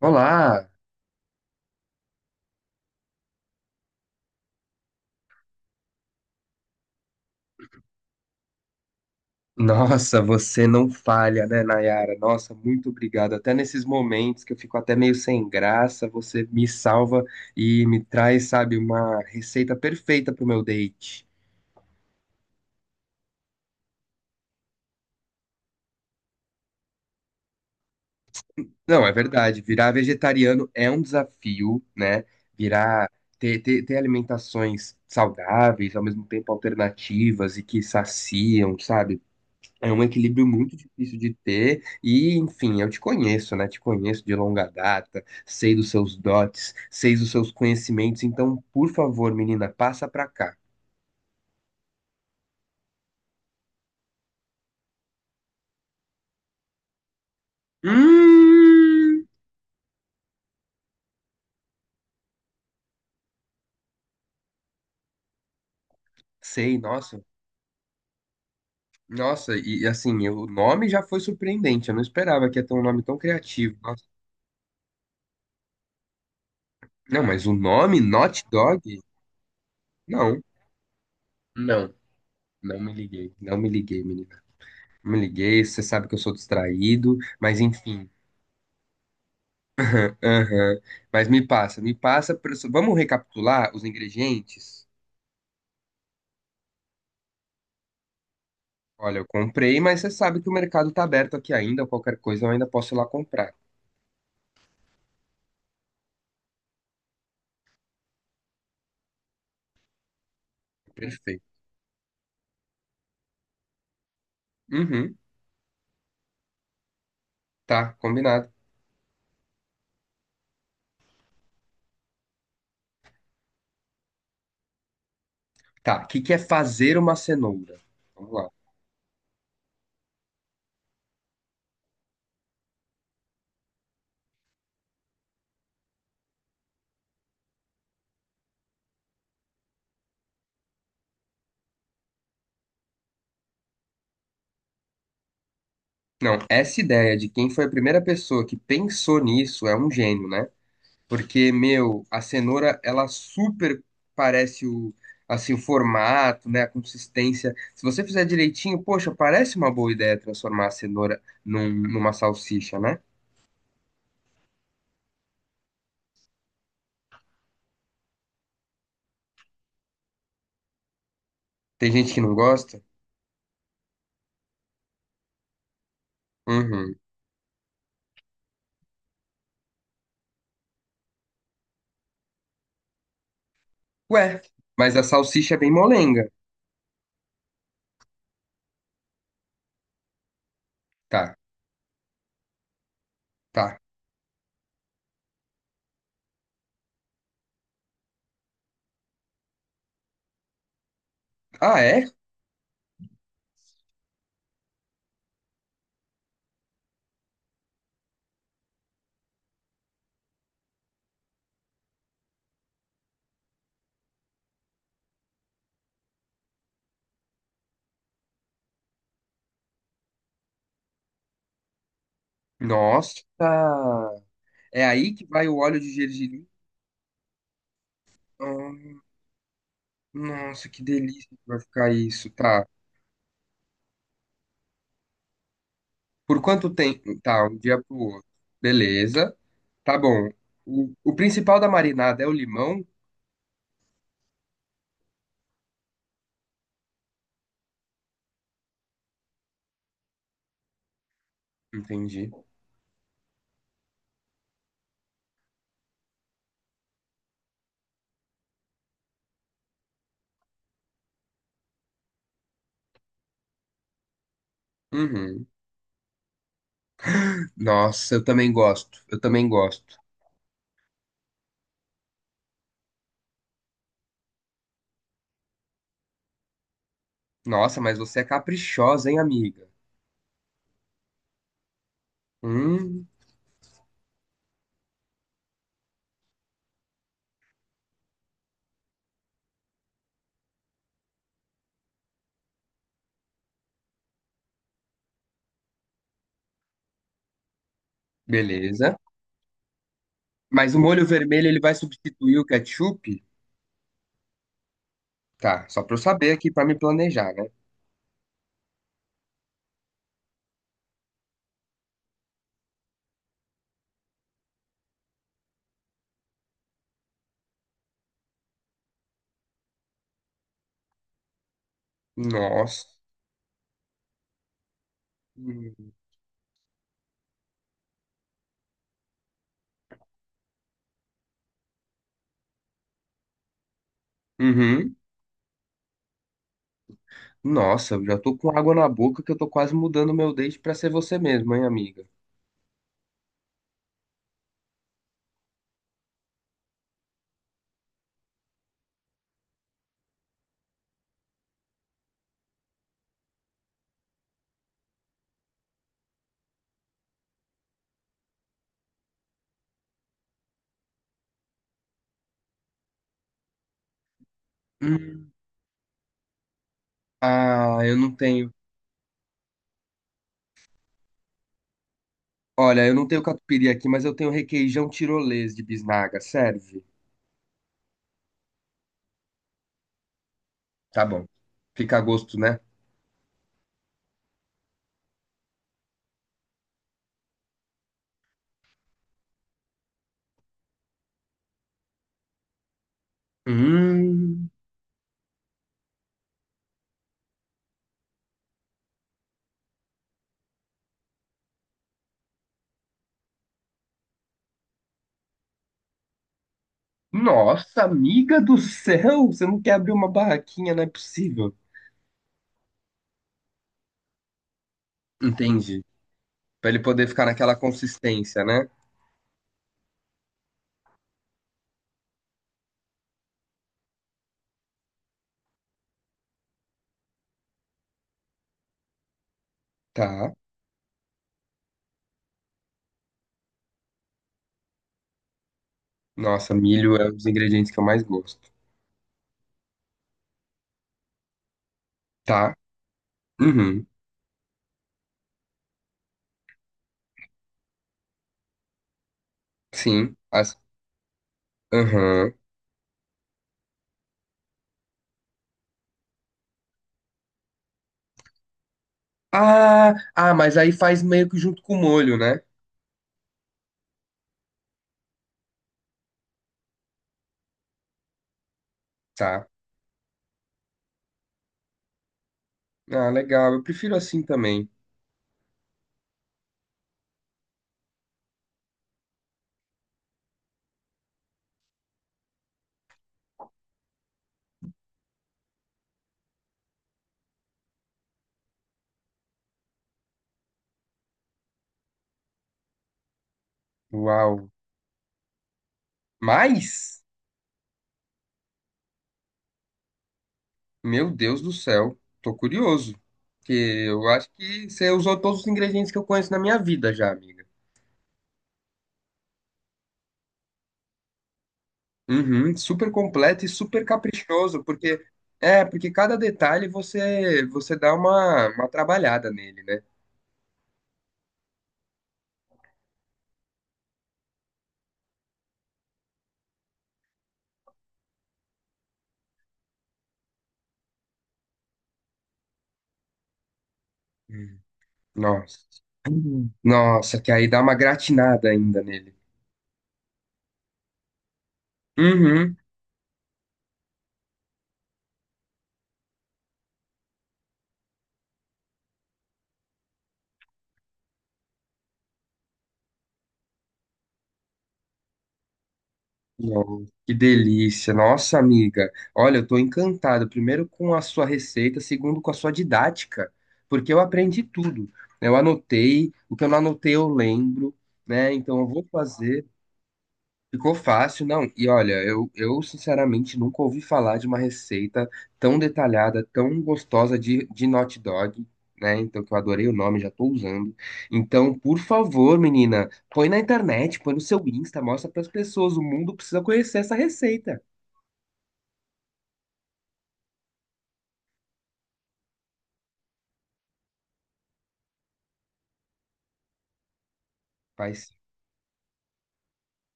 Olá! Nossa, você não falha, né, Nayara? Nossa, muito obrigado. Até nesses momentos que eu fico até meio sem graça, você me salva e me traz, sabe, uma receita perfeita pro meu date. Não, é verdade, virar vegetariano é um desafio, né? Virar, ter alimentações saudáveis, ao mesmo tempo alternativas e que saciam, sabe? É um equilíbrio muito difícil de ter, e enfim, eu te conheço, né? Te conheço de longa data, sei dos seus dotes, sei dos seus conhecimentos, então, por favor, menina, passa pra cá. Hum, sei, nossa, nossa, e assim, o nome já foi surpreendente, eu não esperava que ia ter um nome tão criativo. Nossa. Não, mas o nome, Not Dog? Não, não, não me liguei, menina. Não me liguei, você sabe que eu sou distraído, mas enfim. Aham. Mas me passa. Vamos recapitular os ingredientes? Olha, eu comprei, mas você sabe que o mercado tá aberto aqui ainda. Qualquer coisa eu ainda posso ir lá comprar. Perfeito. Uhum. Tá, combinado. Tá, o que que é fazer uma cenoura? Vamos lá. Não, essa ideia de quem foi a primeira pessoa que pensou nisso é um gênio, né? Porque, meu, a cenoura, ela super parece o, assim, o formato, né, a consistência. Se você fizer direitinho, poxa, parece uma boa ideia transformar a cenoura numa salsicha, né? Tem gente que não gosta. Uhum. Ué, mas a salsicha é bem molenga. Tá, tá. Ah, é? Nossa. É aí que vai o óleo de gergelim. Ah, nossa, que delícia que vai ficar isso. Tá. Por quanto tempo? Tá, um dia pro outro. Beleza. Tá bom. O principal da marinada é o limão? Entendi. Uhum. Nossa, eu também gosto. Eu também gosto. Nossa, mas você é caprichosa, hein, amiga? Hum, beleza. Mas o molho vermelho ele vai substituir o ketchup? Tá, só pra eu saber aqui pra me planejar, né? Nossa. Uhum. Nossa, eu já tô com água na boca que eu tô quase mudando meu date pra ser você mesmo, hein, amiga? Hum. Ah, eu não tenho. Olha, eu não tenho catupiry aqui, mas eu tenho requeijão tirolês de bisnaga. Serve? Tá bom. Fica a gosto, né? Hum, nossa, amiga do céu! Você não quer abrir uma barraquinha, não é possível. Entendi. Pra ele poder ficar naquela consistência, né? Tá. Nossa, milho é um dos ingredientes que eu mais gosto. Tá. Uhum. Sim. As... Uhum. Ah, ah, mas aí faz meio que junto com o molho, né? Tá. Ah, legal. Eu prefiro assim também. Uau. Mas, meu Deus do céu, tô curioso. Porque eu acho que você usou todos os ingredientes que eu conheço na minha vida já, amiga. Uhum, super completo e super caprichoso, porque é, porque cada detalhe você dá uma trabalhada nele, né? Hum. Nossa. Nossa, que aí dá uma gratinada ainda nele. Uhum. Não, que delícia, nossa amiga. Olha, eu tô encantado, primeiro com a sua receita, segundo com a sua didática, porque eu aprendi tudo. Eu anotei, o que eu não anotei eu lembro, né? Então eu vou fazer. Ficou fácil, não. E olha, eu sinceramente nunca ouvi falar de uma receita tão detalhada, tão gostosa de hot dog, né? Então, que eu adorei o nome, já tô usando. Então, por favor, menina, põe na internet, põe no seu Insta, mostra para as pessoas. O mundo precisa conhecer essa receita. Faz.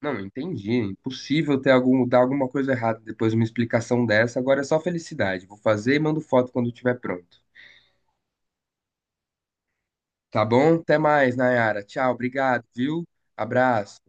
Não, entendi. Impossível dar alguma coisa errada depois de uma explicação dessa. Agora é só felicidade. Vou fazer e mando foto quando estiver pronto. Tá bom? Até mais, Nayara. Tchau, obrigado, viu? Abraço.